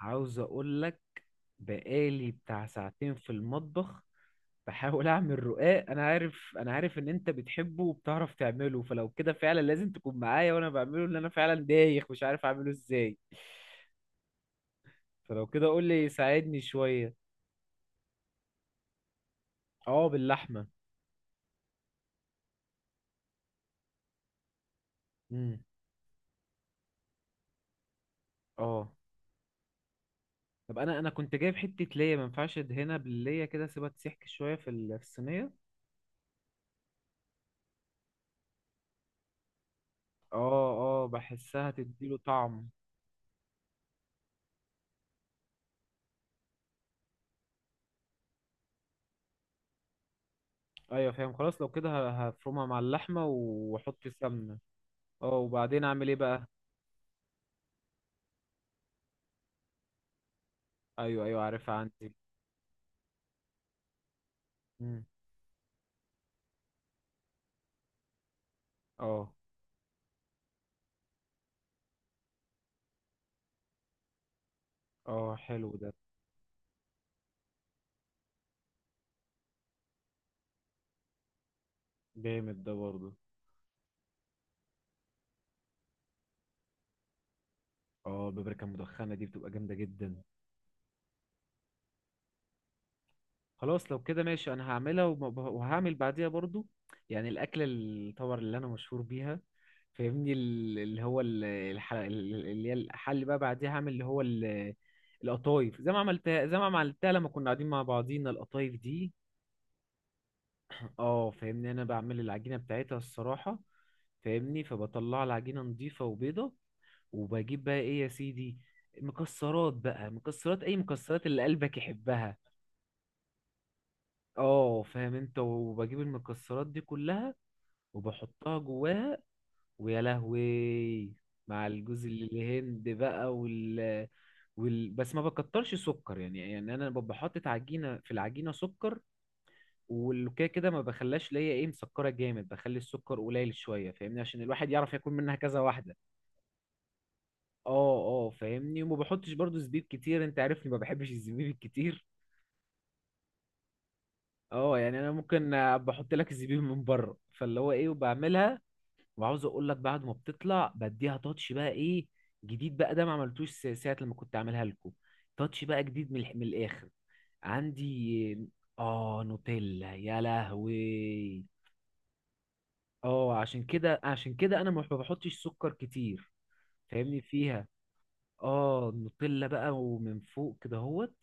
عاوز اقول لك، بقالي بتاع ساعتين في المطبخ بحاول اعمل رقاق. انا عارف ان انت بتحبه وبتعرف تعمله، فلو كده فعلا لازم تكون معايا وانا بعمله. ان انا فعلا دايخ مش عارف اعمله ازاي. فلو كده قول لي ساعدني شوية. اه، باللحمة. امم اه. طب انا كنت جايب حتة ليا، ما ينفعش ادهنها بالليا كده، اسيبها تسيح شوية في في الصينية. اه. اه، بحسها تديله طعم. ايوه فاهم، خلاص لو كده هفرمها مع اللحمة واحط سمنة. اه، وبعدين اعمل ايه بقى؟ ايوه ايوه، عارفها عندي. مم. اه. اه، حلو ده. جامد ده برضه. اه، البابريكا المدخنة دي بتبقى جامدة جدا. خلاص لو كده ماشي، انا هعملها وهعمل بعديها برضو. يعني الاكله طبعا اللي انا مشهور بيها. فاهمني، ال- اللي هو ال- الح- اللي هي الحل بقى، بعديها هعمل القطايف. زي ما عملتها لما كنا قاعدين مع بعضينا، القطايف دي. اه فاهمني، انا بعمل العجينه بتاعتها الصراحه. فاهمني، فبطلع العجينه نظيفه وبيضه. وبجيب بقى ايه يا سيدي، مكسرات بقى، مكسرات، اي مكسرات اللي قلبك يحبها. اه فاهم انت، وبجيب المكسرات دي كلها وبحطها جواها. ويا لهوي، مع الجوز الهند بقى بس ما بكترش سكر. يعني انا ببقى حاطط عجينه، في العجينه سكر. والكده كده ما بخلاش ليا ايه، مسكره جامد، بخلي السكر قليل شويه. فاهمني، عشان الواحد يعرف ياكل منها كذا واحده. اه. اه فاهمني، وما بحطش برضو زبيب كتير، انت عارفني ما بحبش الزبيب الكتير. اه، يعني انا ممكن بحط لك الزبيب من بره، فاللي هو ايه وبعملها. وعاوز اقول لك، بعد ما بتطلع بديها تاتش بقى ايه جديد بقى. ده ما عملتوش ساعة لما كنت عاملها لكم. تاتش بقى جديد من من الاخر عندي. اه نوتيلا، يا لهوي. اه، عشان كده عشان كده انا ما بحطش سكر كتير. فاهمني فيها. اه، النوتيلا بقى ومن فوق كده هوت.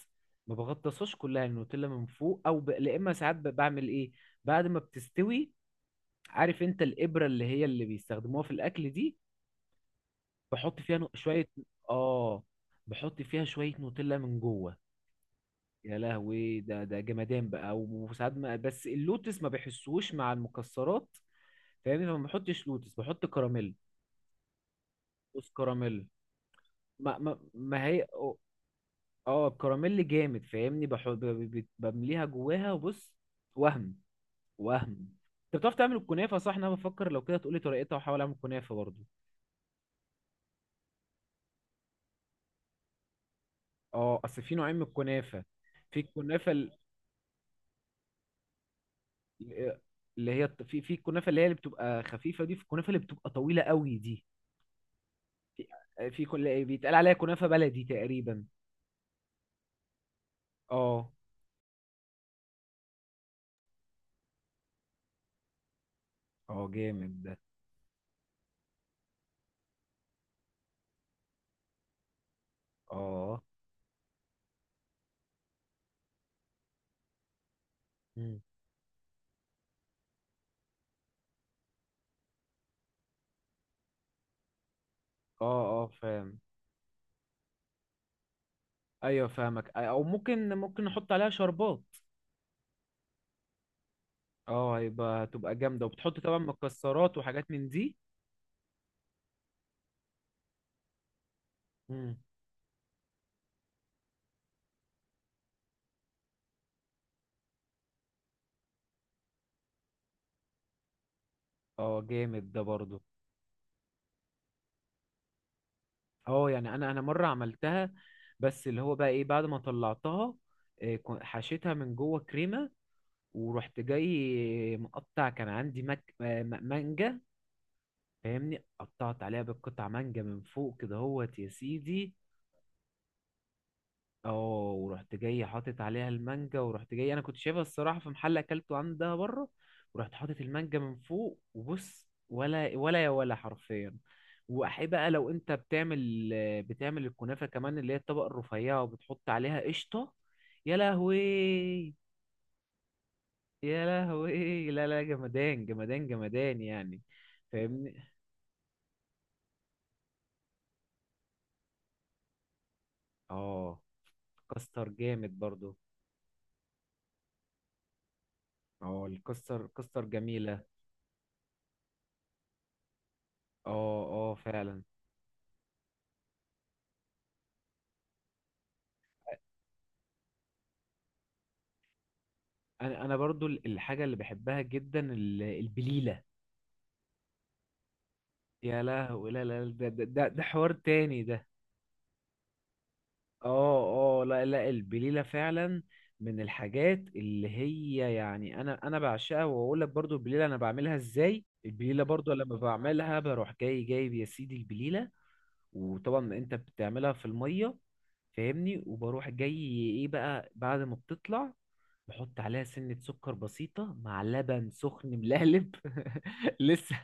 ما بغطسهاش كلها النوتيلا من فوق، لا، اما ساعات بعمل ايه بعد ما بتستوي. عارف انت الابره اللي هي اللي بيستخدموها في الاكل دي. بحط فيها شويه. اه، بحط فيها شويه نوتيلا من جوه. يا لهوي، ده جمدان بقى. وساعات ما، بس اللوتس ما بحسوش مع المكسرات. فاهمني، فما بحطش لوتس، بحط كراميل. بص، كراميل. ما هي. اه، الكراميل جامد، فاهمني، بمليها جواها وبص. وهم. وهم. انت بتعرف تعمل الكنافه صح؟ انا بفكر لو كده تقولي طريقتها واحاول اعمل كنافه برضو. اه، اصل في نوعين من الكنافه. في الكنافه في الكنافه اللي هي اللي بتبقى خفيفه دي، في الكنافه اللي بتبقى طويله قوي دي. في في كل بيتقال عليها كنافه بلدي تقريبا. اه. اه، جامد ده. اه. مم. اه. اه فاهم. ايوه فاهمك، او ممكن نحط عليها شربات. اه، هتبقى جامدة، وبتحط طبعا مكسرات وحاجات من دي. مم. اه، جامد ده برضو. اه، يعني انا مرة عملتها. بس اللي هو بقى ايه، بعد ما طلعتها حشيتها من جوه كريمة. ورحت جاي مقطع، كان عندي مانجا. فاهمني، قطعت عليها بالقطع مانجا من فوق كده هوت يا سيدي. اه ورحت جاي حاطط عليها المانجا، ورحت جاي انا كنت شايفها الصراحه في محل اكلته عندها بره. ورحت حاطط المانجا من فوق، وبص ولا ولا يا ولا حرفيا. واحب بقى لو انت بتعمل الكنافه كمان اللي هي الطبقه الرفيعه وبتحط عليها قشطه، يا لهوي. يا لهوي، لا لا جمدان جمدان جمدان يعني. فاهمني. اه، كاستر جامد برضو. اه، الكستر كستر جميله. اه اه فعلا. انا برضو الحاجه اللي بحبها جدا البليله. يا لهوي لا لا لا، ده حوار تاني ده. اه اه لا لا، البليله فعلا. من الحاجات اللي هي يعني انا بعشقها. واقول لك برضو، البليله انا بعملها ازاي؟ البليله برضو لما بعملها بروح جاي جايب يا سيدي البليله. وطبعا انت بتعملها في الميه. فاهمني، وبروح جاي ايه بقى بعد ما بتطلع، بحط عليها سنة سكر بسيطة مع لبن سخن ملهلب لسه.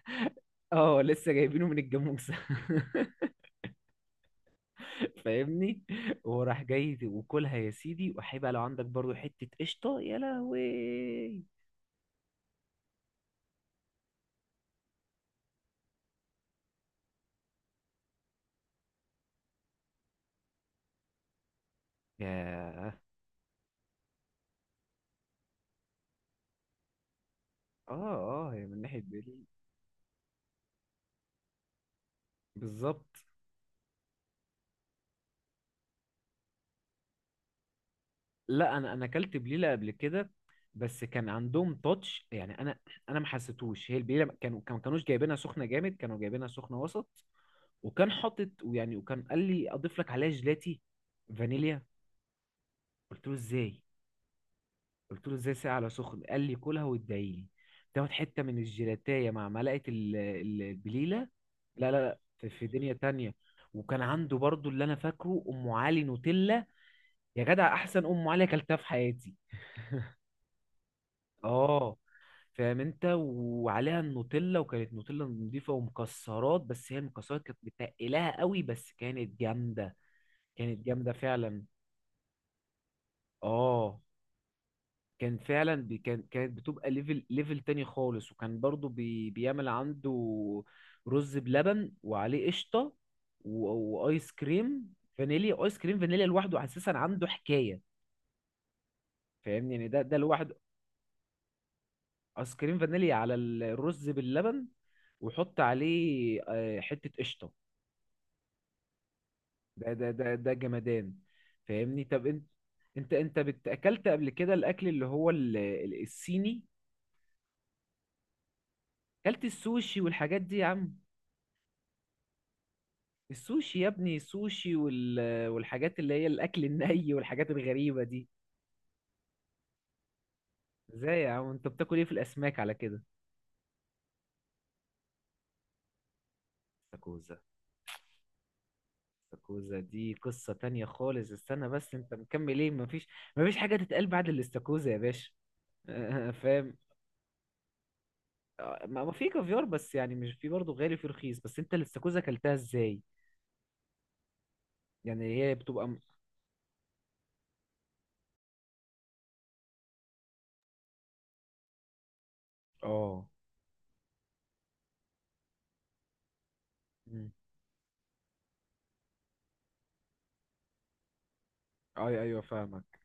اه، لسه جايبينه من الجاموسة فاهمني، وراح جاي وكلها يا سيدي، وهيبقى لو عندك برضو حتة قشطة، يا لهوي. يا. اه اه، هي من ناحية دي بالظبط. لا، انا اكلت بليله قبل كده، بس كان عندهم تاتش يعني. انا ما حسيتوش. هي البليله كانوا كانوش جايبينها سخنه جامد، كانوا جايبينها سخنه وسط. وكان حاطط ويعني، وكان قال لي اضيف لك عليها جيلاتي فانيليا. قلت له ازاي؟ قلت له ازاي ساقع على سخن؟ قال لي كلها وادعي لي. تاخد حته من الجيلاتيه مع ملعقه البليله. لا لا لا، في دنيا تانية. وكان عنده برضو، اللي انا فاكره، ام علي نوتيلا. يا جدع، احسن ام علي اكلتها في حياتي. اه فاهم انت، وعليها النوتيلا، وكانت نوتيلا نضيفه ومكسرات، بس هي المكسرات كانت متقلاها قوي، بس كانت جامده. كانت جامده فعلا. اه. كان فعلا بي كان كانت بتبقى ليفل تاني خالص. وكان برضو بي بيعمل عنده رز بلبن وعليه قشطه وايس كريم فانيليا. ايس كريم فانيليا لوحده اساسا عنده حكايه. فاهمني، يعني ده لوحده. ايس كريم فانيليا على الرز باللبن، وحط عليه حتة قشطة. ده جمدان. فاهمني، طب انت، اكلت قبل كده الاكل اللي هو الصيني؟ اكلت السوشي والحاجات دي يا عم. السوشي يا ابني، السوشي والحاجات اللي هي الاكل الني والحاجات الغريبة دي. ازاي يا عم؟ انت بتاكل ايه في الاسماك على كده؟ استاكوزا. استاكوزا دي قصة تانية خالص، استنى بس انت مكمل ايه؟ مفيش. مفيش حاجة تتقال بعد الاستاكوزا يا باشا فاهم. ما ما في كافيار، بس يعني مش، في برضه غالي وفي رخيص. بس انت الاستاكوزا اكلتها ازاي؟ يعني هي بتبقى اه. مم. اي ايوه، فاهمك.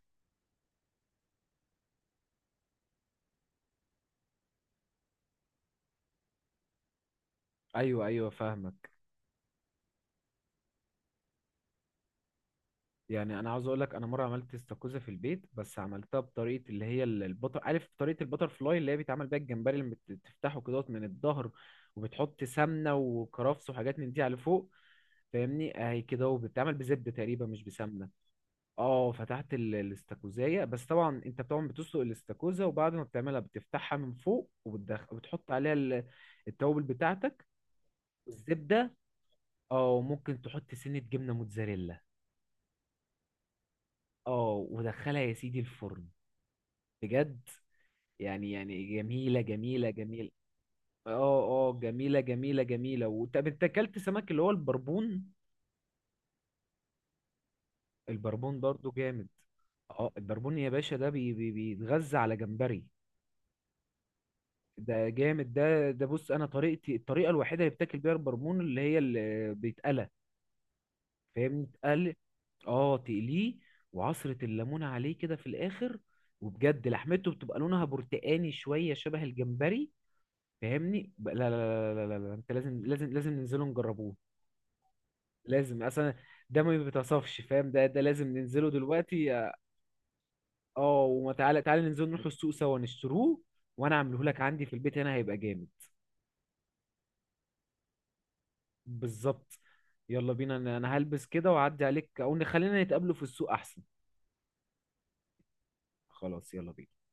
ايوه ايوه، فاهمك. يعني انا عاوز اقول لك، انا مره عملت استاكوزا في البيت بس عملتها بطريقه اللي هي البطر. عارف طريقه البتر فلاي اللي هي بيتعمل بيها الجمبري لما بتفتحه كده من الظهر. وبتحط سمنه وكرفس وحاجات من دي على فوق. فاهمني، اهي كده، وبتتعمل بزبده تقريبا مش بسمنه. اه، فتحت الاستاكوزايه. بس طبعا انت طبعا بتسلق الاستاكوزا، وبعد ما بتعملها بتفتحها من فوق، وبتحط عليها التوابل بتاعتك والزبده. اه ممكن تحط سنه جبنه موتزاريلا. اه، ودخلها يا سيدي الفرن، بجد، يعني جميله جميله جميله. اه اه، جميله جميله جميله. وطب انت اكلت سمك اللي هو البربون؟ البربون برضو جامد. اه، البربون يا باشا ده بيتغذى على جمبري. ده جامد، ده بص، انا طريقتي الطريقه الوحيده اللي بتاكل بيها البرمون اللي هي اللي بيتقلى. فاهمني اتقل. اه تقليه، وعصره الليمون عليه كده في الاخر. وبجد لحمته بتبقى لونها برتقاني شويه شبه الجمبري. فاهمني لا. لا لا لا لا, لا. انت لازم ننزله نجربوه. لازم اصلا، ده ما بيتصفش فاهم، ده لازم ننزله دلوقتي. اه، وما تعالى تعالى ننزل نروح السوق سوا نشتروه. وانا اعمله لك عندي في البيت هنا، هيبقى جامد بالظبط. يلا بينا. انا هلبس كده واعدي عليك، او نخلينا نتقابلوا في السوق احسن. خلاص، يلا بينا.